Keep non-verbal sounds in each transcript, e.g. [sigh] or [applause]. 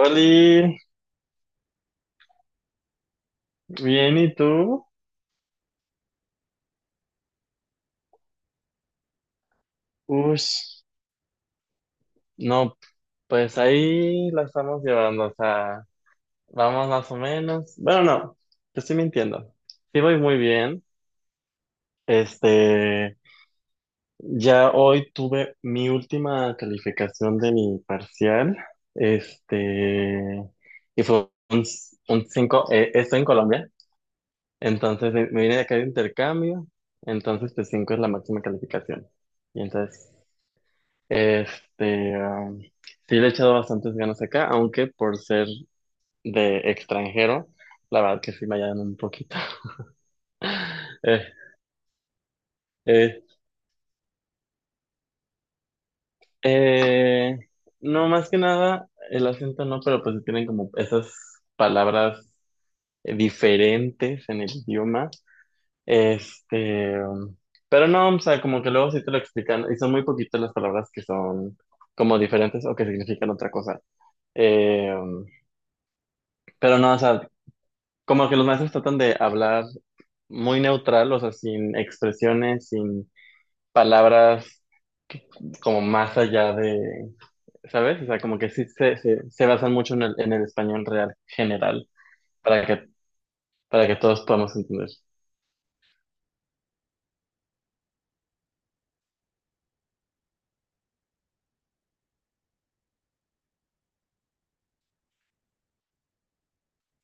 Oli, bien, ¿y tú? Ush, no, pues ahí la estamos llevando, o sea, vamos más o menos. Bueno, no, te estoy mintiendo. Sí voy muy bien. Este, ya hoy tuve mi última calificación de mi parcial, este, y fue un, cinco, 5, estoy en Colombia, entonces me vine de acá de intercambio, entonces pues 5 es la máxima calificación. Y entonces... Este, sí le he echado bastantes ganas acá, aunque por ser de extranjero, la verdad que sí me hallan un poquito. [laughs] Eh, eh, eh, no, más que nada, el acento no, pero pues tienen como esas palabras diferentes en el idioma. Este, pero no, o sea, como que luego sí te lo explican, y son muy poquitas las palabras que son como diferentes o que significan otra cosa. Eh, um, pero no, o sea, como que los maestros tratan de hablar muy neutral, o sea, sin expresiones, sin palabras como más allá de, ¿sabes? O sea, como que sí se basan mucho en en el español real general para que, para que todos podamos entender.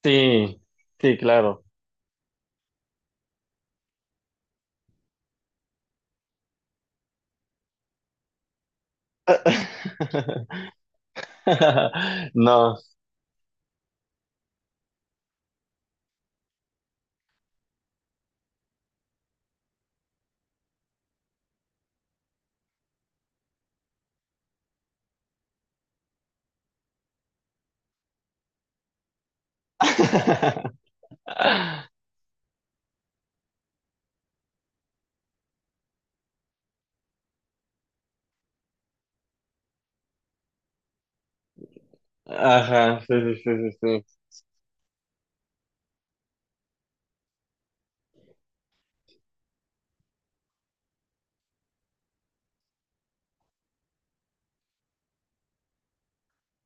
Sí, sí, claro. [laughs] No. [laughs] Ajá, sí, sí, sí, sí, sí.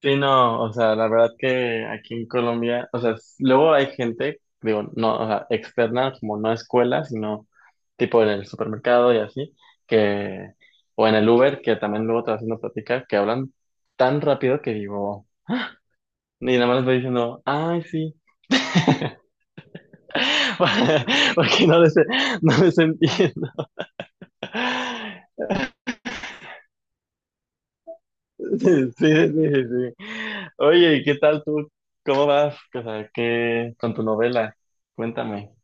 Sí, no, o sea, la verdad que aquí en Colombia, o sea, s- luego hay gente, digo, no, o sea, externa, como no escuela, sino tipo en el supermercado y así, que, o en el Uber, que también luego te vas haciendo plática, que hablan tan rápido que digo, y nada más les voy diciendo, ay, sí, [laughs] porque no les entiendo. Sí, sí, sí, sí. Sí. Oye, ¿y qué tal tú? ¿Cómo vas? O sea, ¿qué con tu novela? Cuéntame.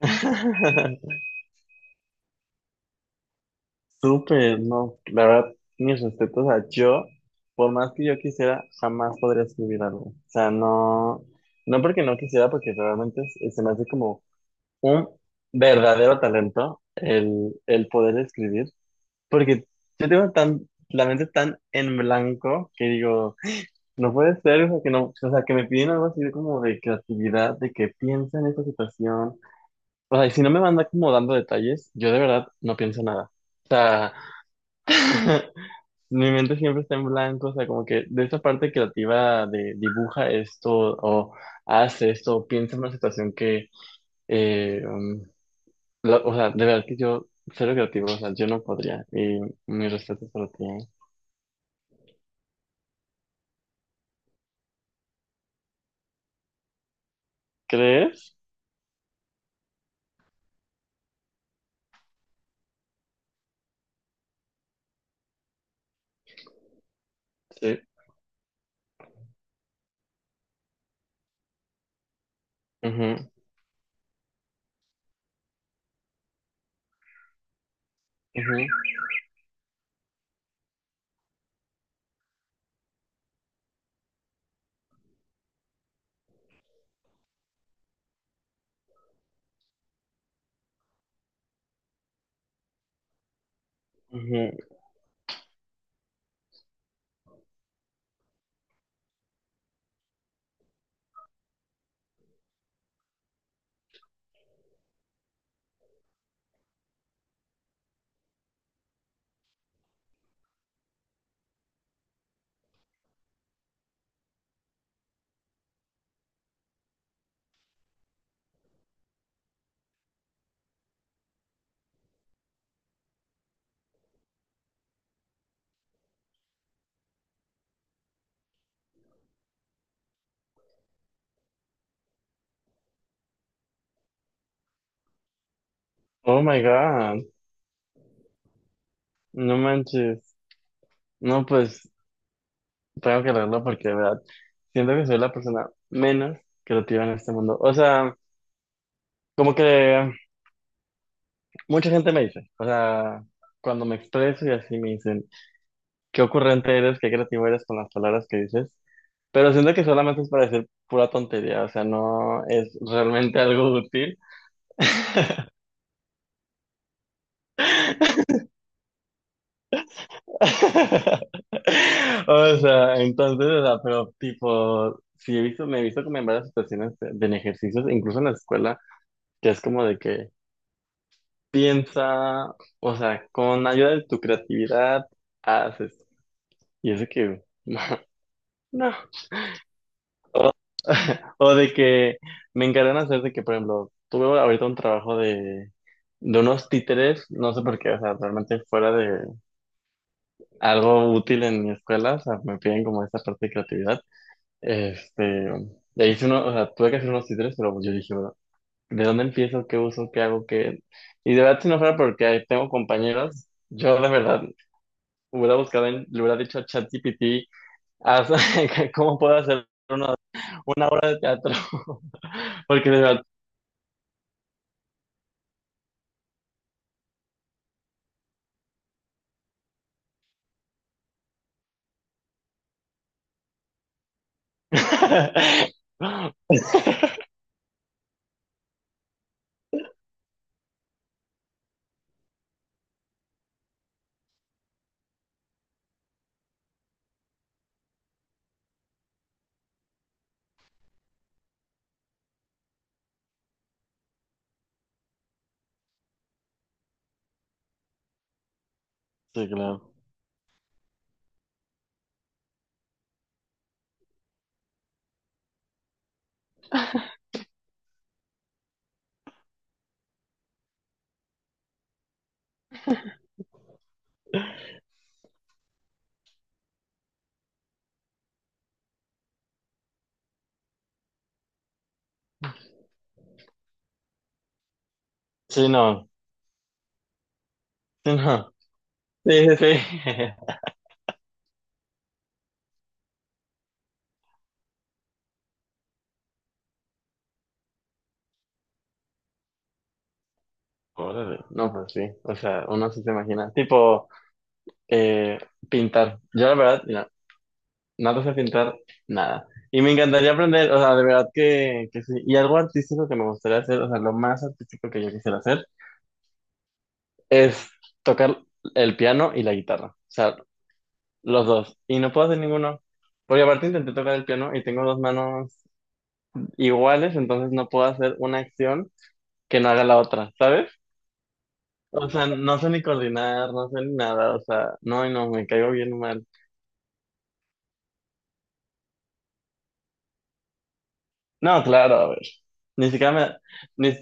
[laughs] Súper, no, la verdad, mis respetos, o sea, yo, por más que yo quisiera, jamás podría escribir algo. O sea, no, no porque no quisiera, porque realmente es- se me hace como un verdadero talento el poder escribir, porque yo tengo tan, la mente tan en blanco que digo, no puede ser, o sea, que no, o sea, que me piden algo así de como de creatividad, de que piensa en esta situación. O sea, y si no me van acomodando detalles, yo de verdad no pienso nada. O sea, [laughs] mi mente siempre está en blanco, o sea, como que de esa parte creativa de dibuja esto o hace esto, o piensa en una situación que, eh, um, la- o sea, de verdad que yo, cero creativo, o sea, yo no podría. Y mi respeto para ti. ¿Eh? ¿Crees? Sí. Ujú, ujú, ujú. Oh my God, no manches. No, pues tengo que leerlo porque de verdad siento que soy la persona menos creativa en este mundo. O sea, como que. Mucha gente me dice, o sea, cuando me expreso y así me dicen, qué ocurrente eres, qué creativo eres con las palabras que dices, pero siento que solamente es para decir pura tontería, o sea, no es realmente algo útil. [laughs] O sea, entonces, o sea, pero tipo, sí he visto, me he visto como en varias situaciones de, en ejercicios, incluso en la escuela, que es como de que piensa, o sea, con ayuda de tu creatividad, haces, y eso que... [laughs] No. [laughs] O de que me encargan hacer de que, por ejemplo, tuve ahorita un trabajo de unos títeres, no sé por qué, o sea, realmente fuera de algo útil en mi escuela, o sea, me piden como esa parte de creatividad. Este, y hice uno, o sea, tuve que hacer unos títeres, pero yo dije, bueno, ¿de dónde empiezo? ¿Qué uso? ¿Qué hago? ¿Qué? Y de verdad, si no fuera porque tengo compañeros, yo de verdad hubiera buscado, en, le hubiera dicho a ChatGPT, haz- [laughs] ¿cómo puedo hacer una obra de teatro? [laughs] Porque de verdad [laughs] sí, claro. Sí, no. Sí, no. Sí, sí, sí. [laughs] Órale. No, pues sí. O sea, uno sí se imagina. Tipo, eh, pintar. Yo la verdad, mira, nada sé pintar nada. Y me encantaría aprender, o sea, de verdad que sí. Y algo artístico que me gustaría hacer, o sea, lo más artístico que yo quisiera hacer es tocar el piano y la guitarra. O sea, los dos. Y no puedo hacer ninguno. Porque aparte intenté tocar el piano y tengo dos manos iguales, entonces no puedo hacer una acción que no haga la otra, ¿sabes? O sea, no sé ni coordinar, no sé ni nada, o sea, no, y no, me caigo bien mal. No, claro, a ver, ni siquiera me... Ni...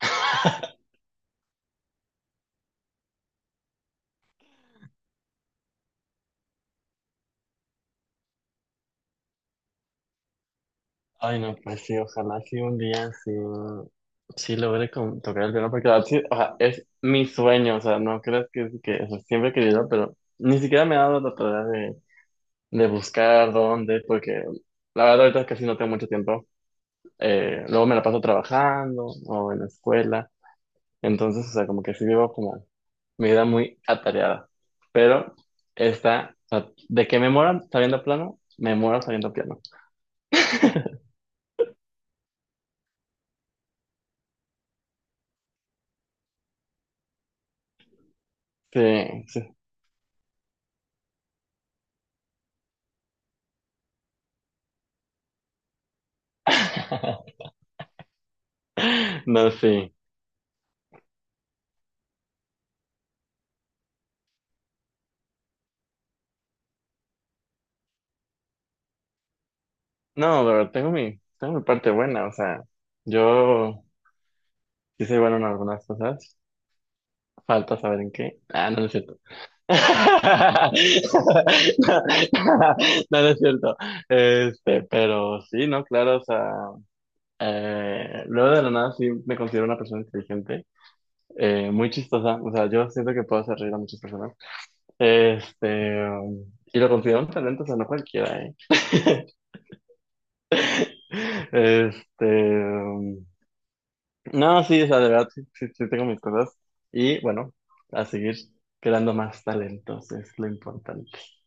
[laughs] Ay, no, pues sí, ojalá sí un día sí, sí logre con- tocar el piano, porque la verdad sí, o sea, es mi sueño, o sea, no creas que o sea, siempre he querido, pero ni siquiera me he dado la tarea de, buscar dónde, porque la verdad ahorita casi no tengo mucho tiempo. Luego me la paso trabajando o en la escuela. Entonces, o sea, como que sí vivo como mi vida muy atareada. Pero esta, o sea, de que me muera sabiendo plano, me muero sabiendo piano. Sí, sí. [laughs] No, sí. No, pero tengo mi parte buena, o sea, yo sí soy bueno en algunas cosas. Falta saber en qué. Ah, no, no es cierto. [laughs] No, no es cierto. Este, pero sí, no, claro, o sea. Luego de la nada sí me considero una persona inteligente, muy chistosa, o sea, yo siento que puedo hacer reír a muchas personas. Este, y lo considero un talento, o sea, no cualquiera, ¿eh? [laughs] Este, um, no, sí, o sea, de verdad sí, sí, sí tengo mis cosas. Y bueno, a seguir creando más talentos es lo importante. [laughs]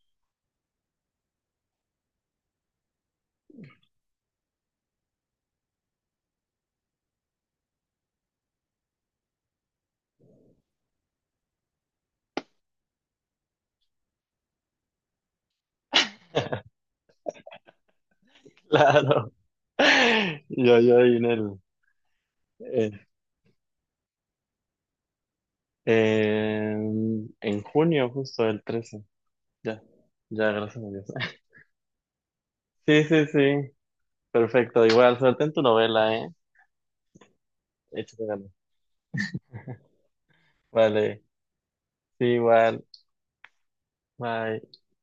Claro. Yo ahí en el, eh, en junio, justo el 13. Ya, ya, gracias a Dios. Sí, sí, sí. Perfecto. Igual, suerte en tu novela, ¿eh? Échate ganas. Vale. Sí, igual. Bye.